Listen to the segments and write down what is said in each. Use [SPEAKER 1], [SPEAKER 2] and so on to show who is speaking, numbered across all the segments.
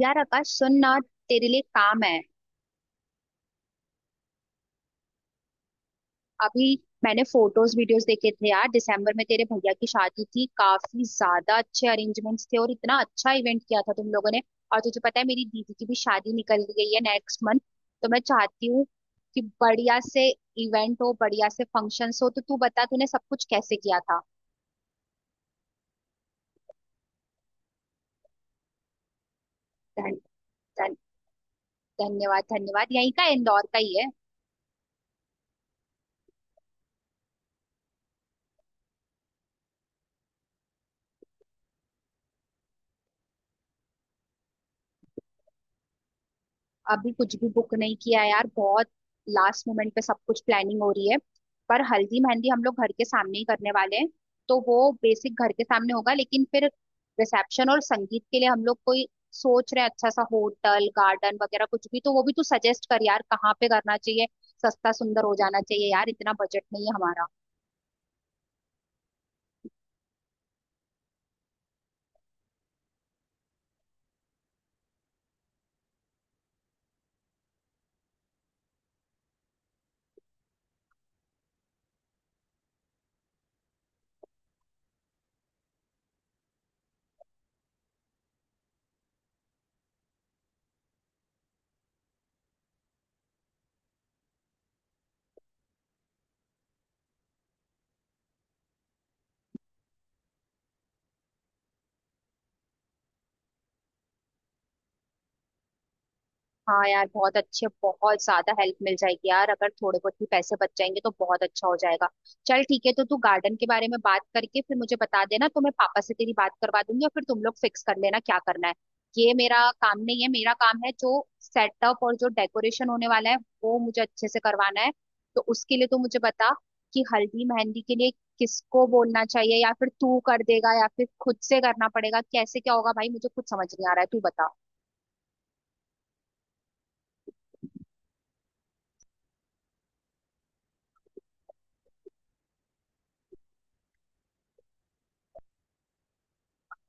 [SPEAKER 1] यार आकाश सुन ना। तेरे लिए काम है। अभी मैंने फोटोज वीडियोस देखे थे यार, दिसंबर में तेरे भैया की शादी थी, काफी ज्यादा अच्छे अरेंजमेंट्स थे और इतना अच्छा इवेंट किया था तुम लोगों ने। और तुझे पता है मेरी दीदी की भी शादी निकल गई है नेक्स्ट मंथ। तो मैं चाहती हूँ कि बढ़िया से इवेंट हो, बढ़िया से फंक्शंस हो, तो तू बता तूने सब कुछ कैसे किया था। धन, धन, धन्यवाद धन्यवाद। यहीं का, इंदौर का ही है। अभी कुछ भी बुक नहीं किया है यार, बहुत लास्ट मोमेंट पे सब कुछ प्लानिंग हो रही है। पर हल्दी मेहंदी हम लोग घर के सामने ही करने वाले हैं, तो वो बेसिक घर के सामने होगा। लेकिन फिर रिसेप्शन और संगीत के लिए हम लोग कोई सोच रहे हैं अच्छा सा होटल गार्डन वगैरह कुछ भी, तो वो भी तू सजेस्ट कर यार, कहाँ पे करना चाहिए। सस्ता सुंदर हो जाना चाहिए यार, इतना बजट नहीं है हमारा। हाँ यार, बहुत अच्छे, बहुत ज्यादा हेल्प मिल जाएगी यार, अगर थोड़े बहुत भी पैसे बच जाएंगे तो बहुत अच्छा हो जाएगा। चल ठीक है, तो तू गार्डन के बारे में बात करके फिर मुझे बता देना, तो मैं पापा से तेरी बात करवा दूंगी और फिर तुम लोग फिक्स कर लेना क्या करना है। ये मेरा काम नहीं है, मेरा काम है जो सेटअप और जो डेकोरेशन होने वाला है वो मुझे अच्छे से करवाना है। तो उसके लिए तो मुझे बता कि हल्दी मेहंदी के लिए किसको बोलना चाहिए, या फिर तू कर देगा या फिर खुद से करना पड़ेगा, कैसे क्या होगा भाई, मुझे कुछ समझ नहीं आ रहा है, तू बता।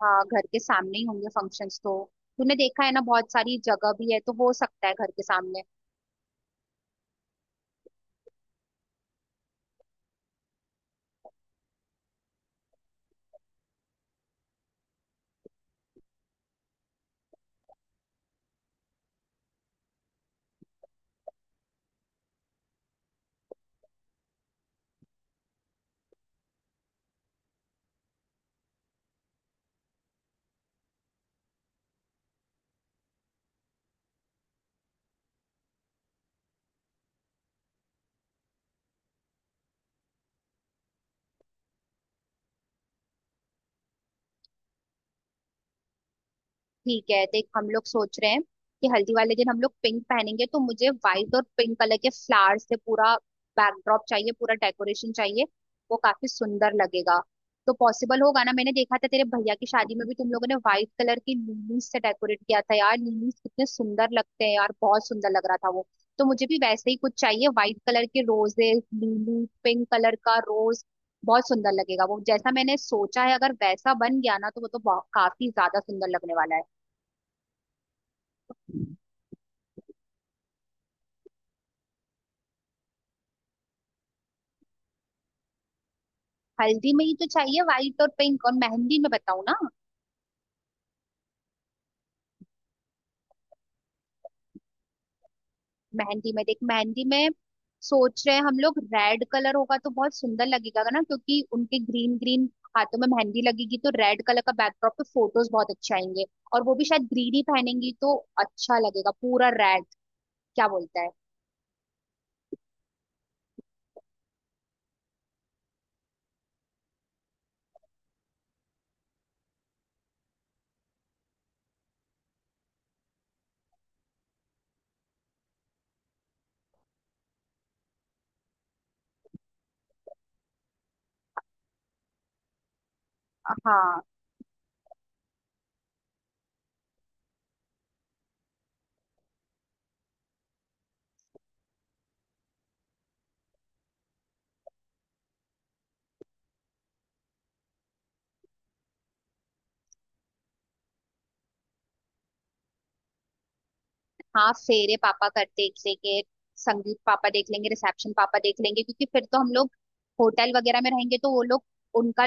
[SPEAKER 1] हाँ, घर के सामने ही होंगे फंक्शंस। तो तूने देखा है ना, बहुत सारी जगह भी है तो हो सकता है घर के सामने। ठीक है, देख हम लोग सोच रहे हैं कि हल्दी वाले दिन हम लोग पिंक पहनेंगे, तो मुझे व्हाइट और पिंक कलर के फ्लावर से पूरा बैकड्रॉप चाहिए, पूरा डेकोरेशन चाहिए। वो काफी सुंदर लगेगा। तो पॉसिबल होगा ना, मैंने देखा था तेरे भैया की शादी में भी तुम लोगों ने व्हाइट कलर की लिलीज से डेकोरेट किया था यार, लिलीज कितने सुंदर लगते हैं यार, बहुत सुंदर लग रहा था वो। तो मुझे भी वैसे ही कुछ चाहिए, व्हाइट कलर के रोजेस, लिली, पिंक कलर का रोज, बहुत सुंदर लगेगा। वो जैसा मैंने सोचा है, अगर वैसा बन गया ना, तो वो तो काफी ज्यादा सुंदर लगने वाला है। हल्दी में ही तो चाहिए व्हाइट और पिंक, और मेहंदी में बताऊँ ना? मेहंदी में देख, मेहंदी में सोच रहे हैं हम लोग रेड कलर होगा तो बहुत सुंदर लगेगा ना, क्योंकि उनके ग्रीन ग्रीन हाथों में मेहंदी लगेगी तो रेड कलर का बैकड्रॉप पे फोटोज बहुत अच्छे आएंगे। और वो भी शायद ग्रीन ही पहनेंगी तो अच्छा लगेगा, पूरा रेड। क्या बोलता है? हाँ। हाँ, फेरे पापा कर देख लेंगे, संगीत पापा देख लेंगे, रिसेप्शन पापा देख लेंगे, क्योंकि फिर तो हम लोग होटल वगैरह में रहेंगे तो वो लोग, उनका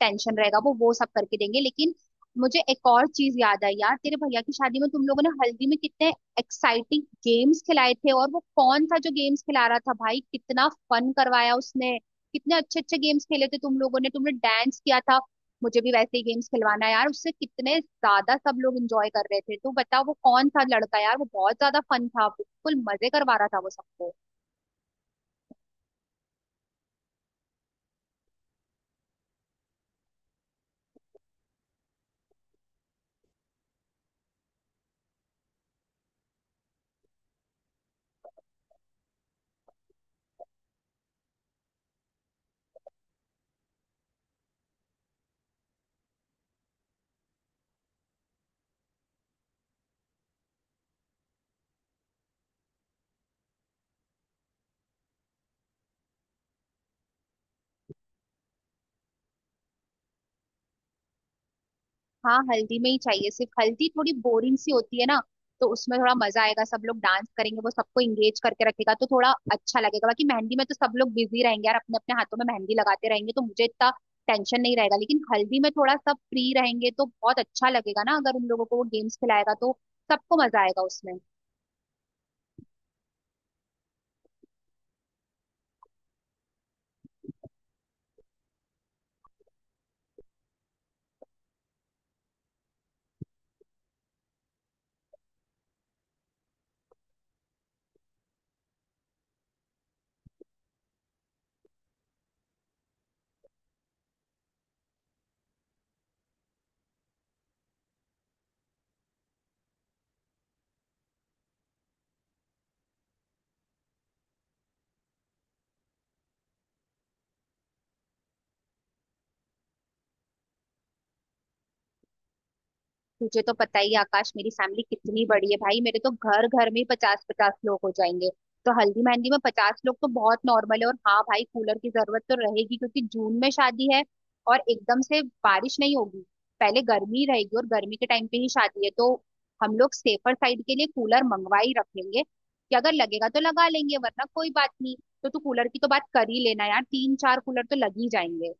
[SPEAKER 1] टेंशन रहेगा, वो सब करके देंगे। लेकिन मुझे एक और चीज याद आई यार, तेरे भैया की शादी में तुम लोगों ने हल्दी में कितने एक्साइटिंग गेम्स खिलाए थे, और वो कौन था जो गेम्स खिला रहा था भाई, कितना फन करवाया उसने, कितने अच्छे अच्छे गेम्स खेले थे तुम लोगों ने, तुमने डांस किया था। मुझे भी वैसे ही गेम्स खिलवाना है यार, उससे कितने ज्यादा सब लोग एंजॉय कर रहे थे। तू बता वो कौन सा लड़का यार, वो बहुत ज्यादा फन था, बिल्कुल मजे करवा रहा था वो सबको। हाँ, हल्दी में ही चाहिए सिर्फ, हल्दी थोड़ी बोरिंग सी होती है ना, तो उसमें थोड़ा मजा आएगा, सब लोग डांस करेंगे, वो सबको इंगेज करके रखेगा तो थोड़ा अच्छा लगेगा। बाकी मेहंदी में तो सब लोग बिजी रहेंगे यार, अपने अपने हाथों में मेहंदी लगाते रहेंगे तो मुझे इतना टेंशन नहीं रहेगा। लेकिन हल्दी में थोड़ा सब फ्री रहेंगे तो बहुत अच्छा लगेगा ना, अगर उन लोगों को वो गेम्स खिलाएगा तो सबको मजा आएगा उसमें। तुझे तो पता ही है, आकाश, मेरी फैमिली कितनी बड़ी है भाई, मेरे तो घर घर में 50 50 लोग हो जाएंगे। तो हल्दी मेहंदी में 50 लोग तो बहुत नॉर्मल है। और हाँ भाई, कूलर की जरूरत तो रहेगी क्योंकि जून में शादी है, और एकदम से बारिश नहीं होगी, पहले गर्मी रहेगी और गर्मी के टाइम पे ही शादी है। तो हम लोग सेफर साइड के लिए कूलर मंगवा ही रखेंगे कि अगर लगेगा तो लगा लेंगे वरना कोई बात नहीं। तो तू कूलर की तो बात कर ही लेना यार, 3-4 कूलर तो लग ही जाएंगे।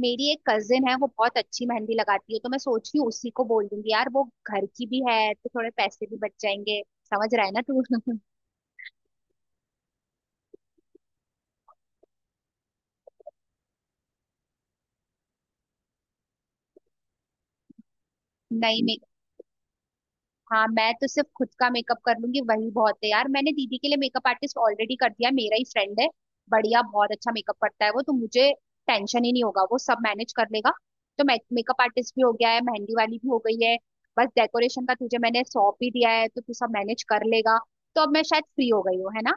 [SPEAKER 1] मेरी एक कजिन है, वो बहुत अच्छी मेहंदी लगाती है तो मैं सोच रही हूँ उसी को बोल दूंगी यार, वो घर की भी है तो थोड़े पैसे भी बच जाएंगे। समझ रहा है ना तू? नहीं। हाँ, मैं तो सिर्फ खुद का मेकअप कर लूंगी, वही बहुत है यार। मैंने दीदी के लिए मेकअप आर्टिस्ट ऑलरेडी कर दिया है, मेरा ही फ्रेंड है। बढ़िया, बहुत अच्छा मेकअप करता है वो, तो मुझे टेंशन ही नहीं होगा, वो सब मैनेज कर लेगा। तो मैं, मेकअप आर्टिस्ट भी हो गया है, मेहंदी वाली भी हो गई है, बस डेकोरेशन का तुझे मैंने सौंप ही दिया है, तो तू सब मैनेज कर लेगा। तो अब मैं शायद फ्री हो गई हूँ, है ना?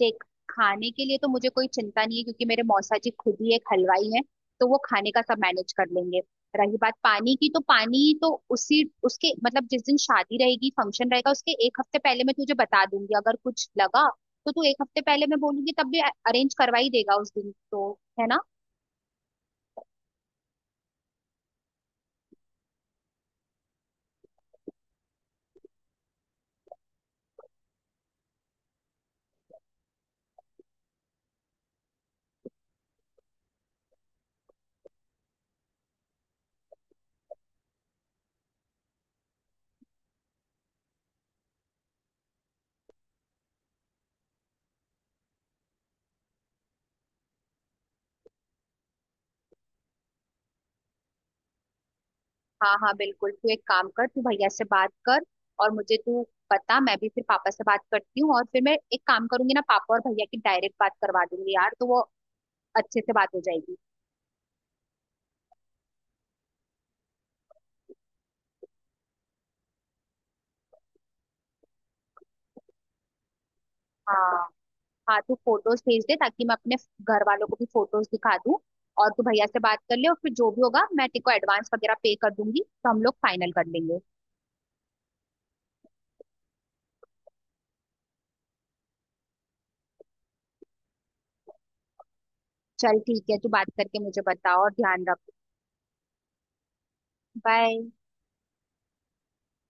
[SPEAKER 1] देख, खाने के लिए तो मुझे कोई चिंता नहीं है, क्योंकि मेरे मौसा जी खुद ही एक हलवाई हैं, तो वो खाने का सब मैनेज कर लेंगे। रही बात पानी की, तो पानी तो उसी उसके मतलब जिस दिन शादी रहेगी, फंक्शन रहेगा, उसके एक हफ्ते पहले मैं तुझे बता दूंगी अगर कुछ लगा। तो तू, एक हफ्ते पहले मैं बोलूंगी तब भी अरेंज करवा ही देगा उस दिन तो, है ना? हाँ हाँ बिल्कुल, तू एक काम कर, तू भैया से बात कर और मुझे तू बता। मैं भी फिर पापा से बात करती हूँ और फिर मैं एक काम करूंगी ना, पापा और भैया की डायरेक्ट बात करवा दूंगी यार, तो वो अच्छे से बात हो जाएगी। हाँ। हाँ, तू फोटोज भेज दे ताकि मैं अपने घर वालों को भी फोटोज दिखा दूँ। और तू भैया से बात कर ले, और फिर जो भी होगा मैं तेरे को एडवांस वगैरह पे कर दूंगी तो हम लोग फाइनल कर लेंगे। चल ठीक है, तू बात करके मुझे बता और ध्यान रख। बाय।